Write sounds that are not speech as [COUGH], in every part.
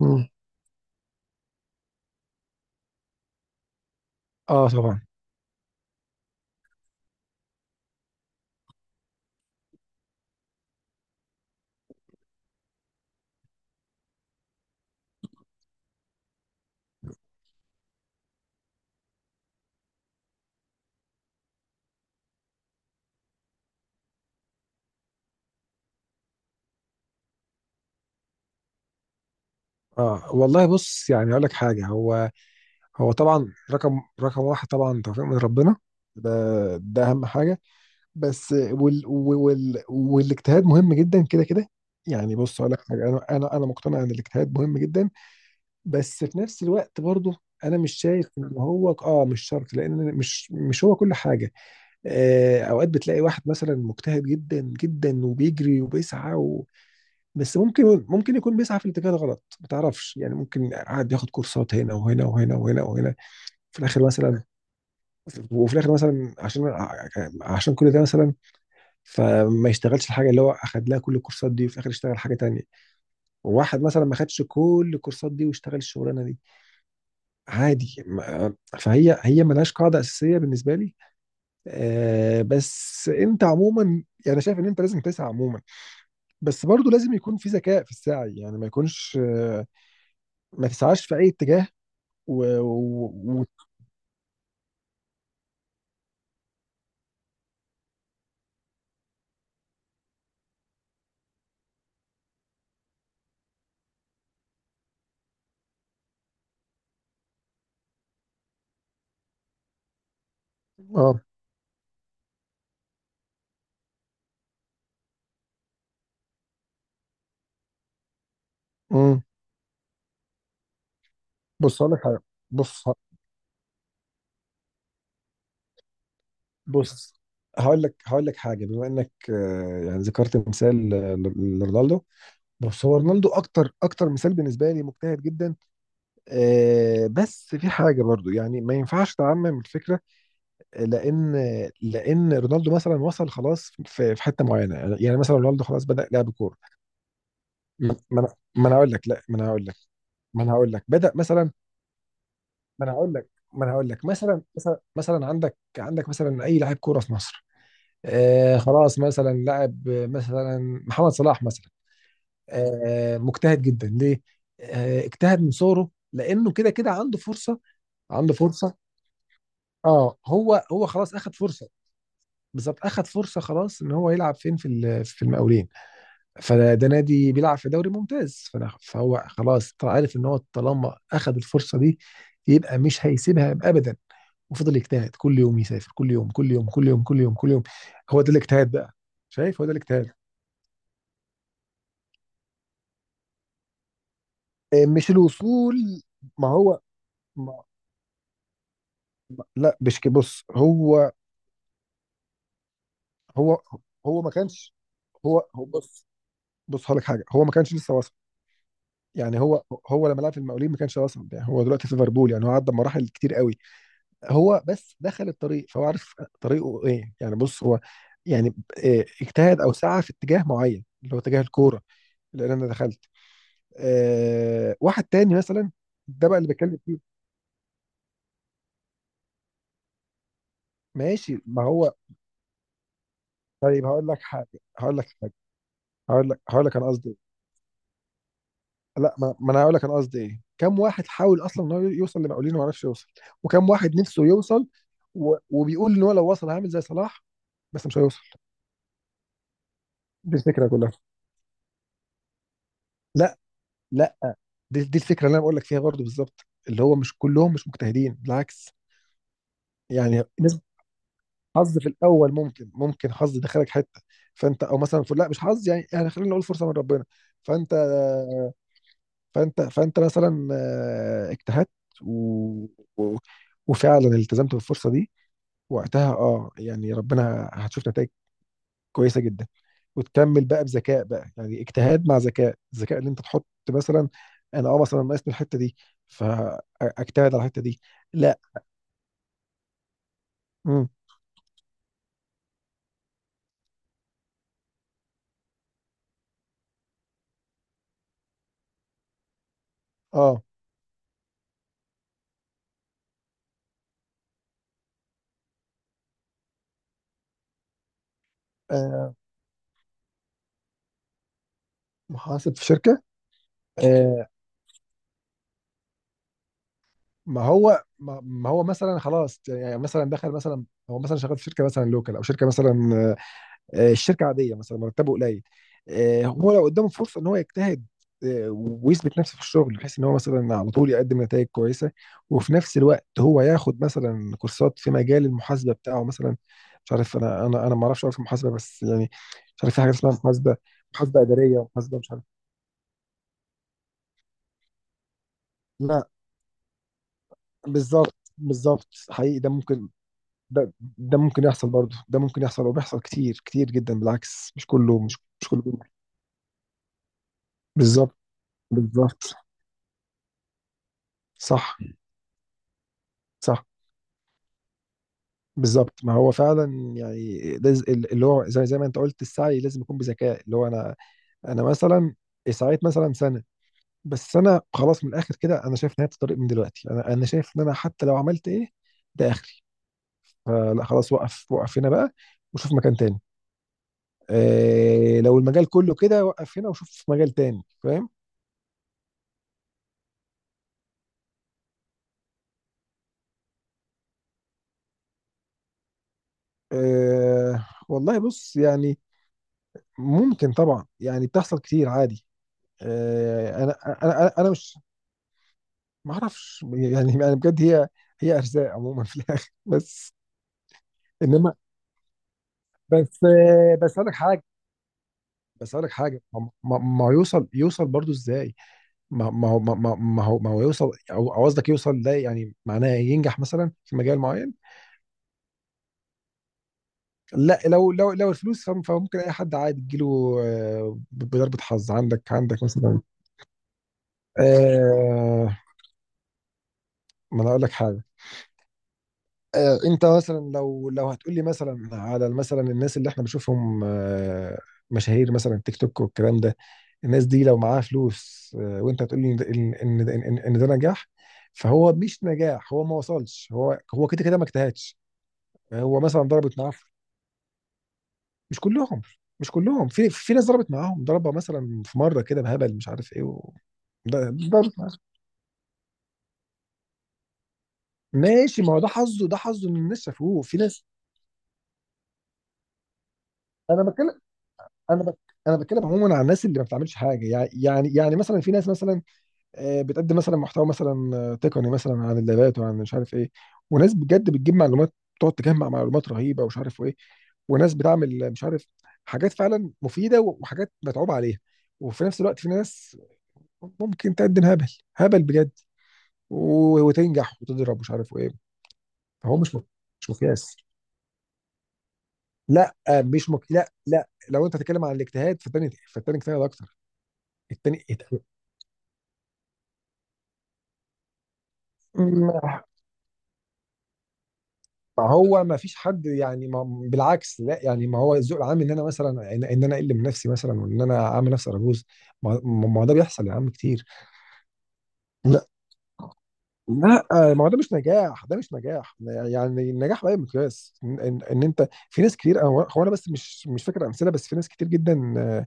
مم. اه طبعا. اه والله بص، يعني اقول لك حاجه. هو طبعا رقم واحد طبعا توفيق من ربنا. ده ده اهم حاجه. بس والاجتهاد مهم جدا كده كده. يعني بص اقول لك حاجه، انا مقتنع ان الاجتهاد مهم جدا، بس في نفس الوقت برضه انا مش شايف ان هو مش شرط، لان مش هو كل حاجه. اوقات بتلاقي واحد مثلا مجتهد جدا جدا وبيجري وبيسعى بس ممكن يكون بيسعى في الاتجاه الغلط، ما تعرفش يعني. ممكن قاعد ياخد كورسات هنا وهنا وهنا وهنا وهنا، في الاخر مثلا، وفي الاخر مثلا عشان، عشان كل ده مثلا، فما يشتغلش الحاجه اللي هو اخد لها كل الكورسات دي، وفي الاخر يشتغل حاجه تانية. وواحد مثلا ما خدش كل الكورسات دي واشتغل الشغلانه دي عادي. فهي ملهاش قاعده اساسيه بالنسبه لي. بس انت عموما يعني شايف ان انت لازم تسعى عموما، بس برضو لازم يكون في ذكاء في السعي، يعني ما يكونش ما تسعاش في اي اتجاه. و, و... و... اه. امم. بص هقول لك حاجه. بص ه- بص هقول لك حاجه. بما انك يعني ذكرت مثال، لرونالدو. بص، هو رونالدو اكتر مثال بالنسبه لي مجتهد جدا. بس في حاجه برضو، يعني ما ينفعش تعمم الفكره، لان لان رونالدو مثلا وصل خلاص في حته معينه، يعني مثلا رونالدو خلاص بدا لعب كوره. ما ما انا ما أنا هقول لك لا، ما انا هقول لك بدا مثلا. ما انا هقول لك مثلا، مثلا، عندك مثلا اي لاعب كوره في مصر. آه خلاص مثلا لاعب، آه، مثلا محمد صلاح مثلا. آه مجتهد جدا. ليه؟ آه اجتهد من صغره، لانه كده كده عنده فرصه. عنده فرصه اه هو خلاص اخد فرصه. بالظبط اخد فرصه خلاص ان هو يلعب فين في في المقاولين. فده نادي بيلعب في دوري ممتاز، فهو خلاص طلع عارف ان هو طالما اخذ الفرصه دي، يبقى مش هيسيبها ابدا. وفضل يجتهد كل يوم، يسافر كل يوم كل يوم كل يوم كل يوم كل يوم. هو ده الاجتهاد بقى. شايف، هو ده الاجتهاد. إيه، مش الوصول. ما هو ما لا مش كده. بص هو هو هو ما كانش. هو بص، بص هقول لك حاجه، هو ما كانش لسه واصل. يعني هو لما لعب في المقاولين ما كانش واصل، يعني هو دلوقتي في ليفربول، يعني هو عدى مراحل كتير قوي. هو بس دخل الطريق فهو عارف طريقه ايه. يعني بص، هو يعني اجتهد او سعى في اتجاه معين، اللي هو اتجاه الكوره اللي انا دخلت. أه، واحد تاني مثلا، ده بقى اللي بتكلم فيه. ماشي، ما هو طيب. هقول لك حاجه هقول لك حاجه هقول لك هقول لك انا قصدي ايه. لا ما انا هقول لك انا قصدي ايه. كم واحد حاول اصلا ان هو يوصل لمقاولين وما عرفش يوصل. وكم واحد نفسه يوصل وبيقول ان هو لو وصل هعمل زي صلاح، بس مش هيوصل. دي الفكره كلها. لا، لا، دي الفكره اللي انا بقول لك فيها برضه بالظبط، اللي هو مش كلهم مش مجتهدين بالعكس، يعني نسبه. حظ في الاول، ممكن حظ دخلك حته، فانت او مثلا، لا مش حظ، يعني يعني خلينا نقول فرصه من ربنا. فانت فانت مثلا اجتهدت و... و... وفعلا التزمت بالفرصه دي، وقتها اه يعني ربنا هتشوف نتائج كويسه جدا. وتكمل بقى بذكاء بقى، يعني اجتهاد مع ذكاء. الذكاء اللي انت تحط مثلا: انا اه مثلا ناقصني الحته دي، فاجتهد على الحته دي. لا. امم. اه. آه، محاسب في شركه. آه، ما هو مثلا خلاص، يعني مثلا دخل مثلا، هو مثلا شغال في شركه مثلا لوكال، او شركه مثلا الشركه عاديه مثلا، مرتبه قليل. هو لو قدامه فرصه ان هو يجتهد، ويثبت نفسه في الشغل بحيث ان هو مثلا على طول يقدم نتائج كويسه، وفي نفس الوقت هو ياخد مثلا كورسات في مجال المحاسبه بتاعه مثلا. مش عارف، انا ما اعرفش أوي في المحاسبه بس يعني، مش عارف، في حاجه اسمها محاسبه، محاسبه اداريه، محاسبه، مش عارف. لا، بالظبط بالظبط حقيقي ده ممكن. ده ممكن يحصل برضه، ده ممكن يحصل وبيحصل كتير كتير جدا بالعكس، مش كله، مش كله بينجح. بالظبط. بالظبط. صح. صح. بالظبط، ما هو فعلا يعني لازم اللي هو زي ما انت قلت، السعي لازم يكون بذكاء. اللي هو انا مثلا سعيت مثلا سنه، بس انا خلاص من الاخر كده انا شايف نهايه الطريق من دلوقتي. انا شايف ان انا حتى لو عملت ايه ده اخري. فلا خلاص، وقف هنا بقى وشوف مكان تاني. إيه، لو المجال كله كده وقف هنا وشوف مجال تاني، فاهم. إيه والله بص يعني، ممكن طبعا يعني، بتحصل كتير عادي. إيه، انا مش، ما اعرفش يعني، يعني بجد هي ارزاق عموما في الاخر بس. انما، بس بس اقول لك حاجه بس اقول لك حاجه ما هو يوصل، يوصل برضو ازاي؟ ما هو يوصل، او أو قصدك يوصل ده يعني معناه ينجح مثلا في مجال معين. لا لو لو الفلوس فممكن اي حد عادي تجيله بضربة حظ. عندك مثلا آه، ما انا اقول لك حاجه، انت مثلا لو هتقولي مثلا على مثلا الناس اللي احنا بنشوفهم مشاهير مثلا تيك توك والكلام ده، الناس دي لو معاها فلوس وانت هتقولي ان ده- ان ان إن إن ده نجاح، فهو مش نجاح. هو ما وصلش، هو كده كده ما اجتهدش. هو مثلا ضربت معاه مش كلهم، في في ناس ضربت معاهم ضربة مثلا في مرة كده بهبل مش عارف ايه ضربت معاهم. [LAUGHS] ماشي، ما هو ده حظه، ده حظه ان الناس شافوه. في ناس، انا بتكلم انا بك... انا بتكلم عموما عن الناس اللي ما بتعملش حاجه، يعني يعني مثلا في ناس مثلا بتقدم مثلا محتوى مثلا تقني مثلا عن اللابات وعن مش عارف ايه، وناس بجد بتجيب معلومات، تقعد تجمع معلومات رهيبه ومش عارف ايه. وناس بتعمل مش عارف، حاجات فعلا مفيده وحاجات متعوب عليها. وفي نفس الوقت في ناس ممكن تقدم هبل، هبل بجد، وتنجح وتضرب مش عارف ايه. فهو مش مقياس. لا آه، مش مك... لا، لا، لو انت هتتكلم عن الاجتهاد، فالتاني اجتهد اكتر. التاني، ما هو ما فيش حد يعني ما بالعكس، لا، يعني ما هو الذوق العام ان انا مثلا، ان انا اقل من نفسي مثلا، وان انا اعمل نفسي ارجوز. ما هو ده بيحصل يا عم كتير. لا، لا، ما هو ده مش نجاح، ده مش نجاح. يعني النجاح بأي مقياس ان إن إن انت، في ناس كتير، أنا- هو انا بس مش فاكر امثله، بس في ناس كتير جدا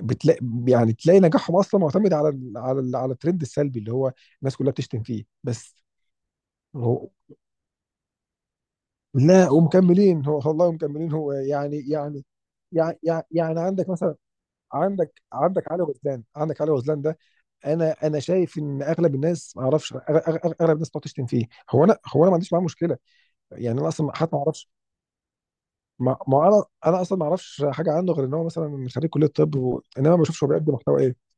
بتلاقي، يعني تلاقي نجاحهم اصلا معتمد على على الترند السلبي اللي هو الناس كلها بتشتم فيه بس. لا ومكملين، هو والله مكملين، هو يعني عندك علي غزلان. عندك علي غزلان ده انا شايف ان اغلب الناس، ما اعرفش، اغلب الناس بتقعد تشتم فيه. هو انا هو انا ما عنديش معاه مشكله، يعني انا اصلا حتى ما اعرفش. ما ما انا انا اصلا ما اعرفش حاجه عنه غير ان هو مثلا خريج كليه طب انما ما بشوفش هو بيقدم محتوى ايه.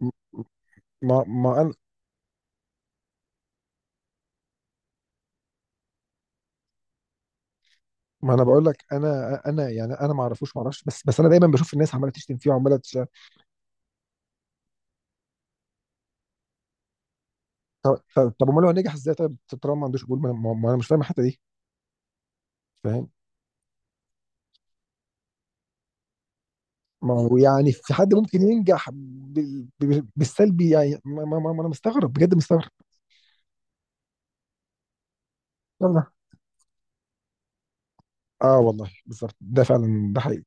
م- ما ما انا ما انا بقول لك، انا يعني انا ما اعرفوش، ما اعرفش، بس بس انا دايما بشوف الناس عماله تشتم فيه وعماله. طب طب امال هو نجح ازاي طيب، طالما ما عندوش قبول، ما انا مش فاهم الحته دي، فاهم. ما هو يعني في حد ممكن ينجح بالسلبي يعني. ما انا مستغرب بجد، مستغرب. يلا. اه والله بالظبط، ده فعلا ده حقيقي.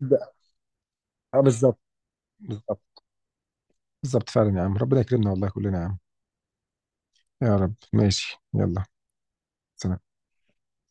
ده اه بالظبط. بالظبط، بالظبط فعلا يا عم ربنا يكرمنا والله كلنا يا عم. يا رب. ماشي يلا. سلام.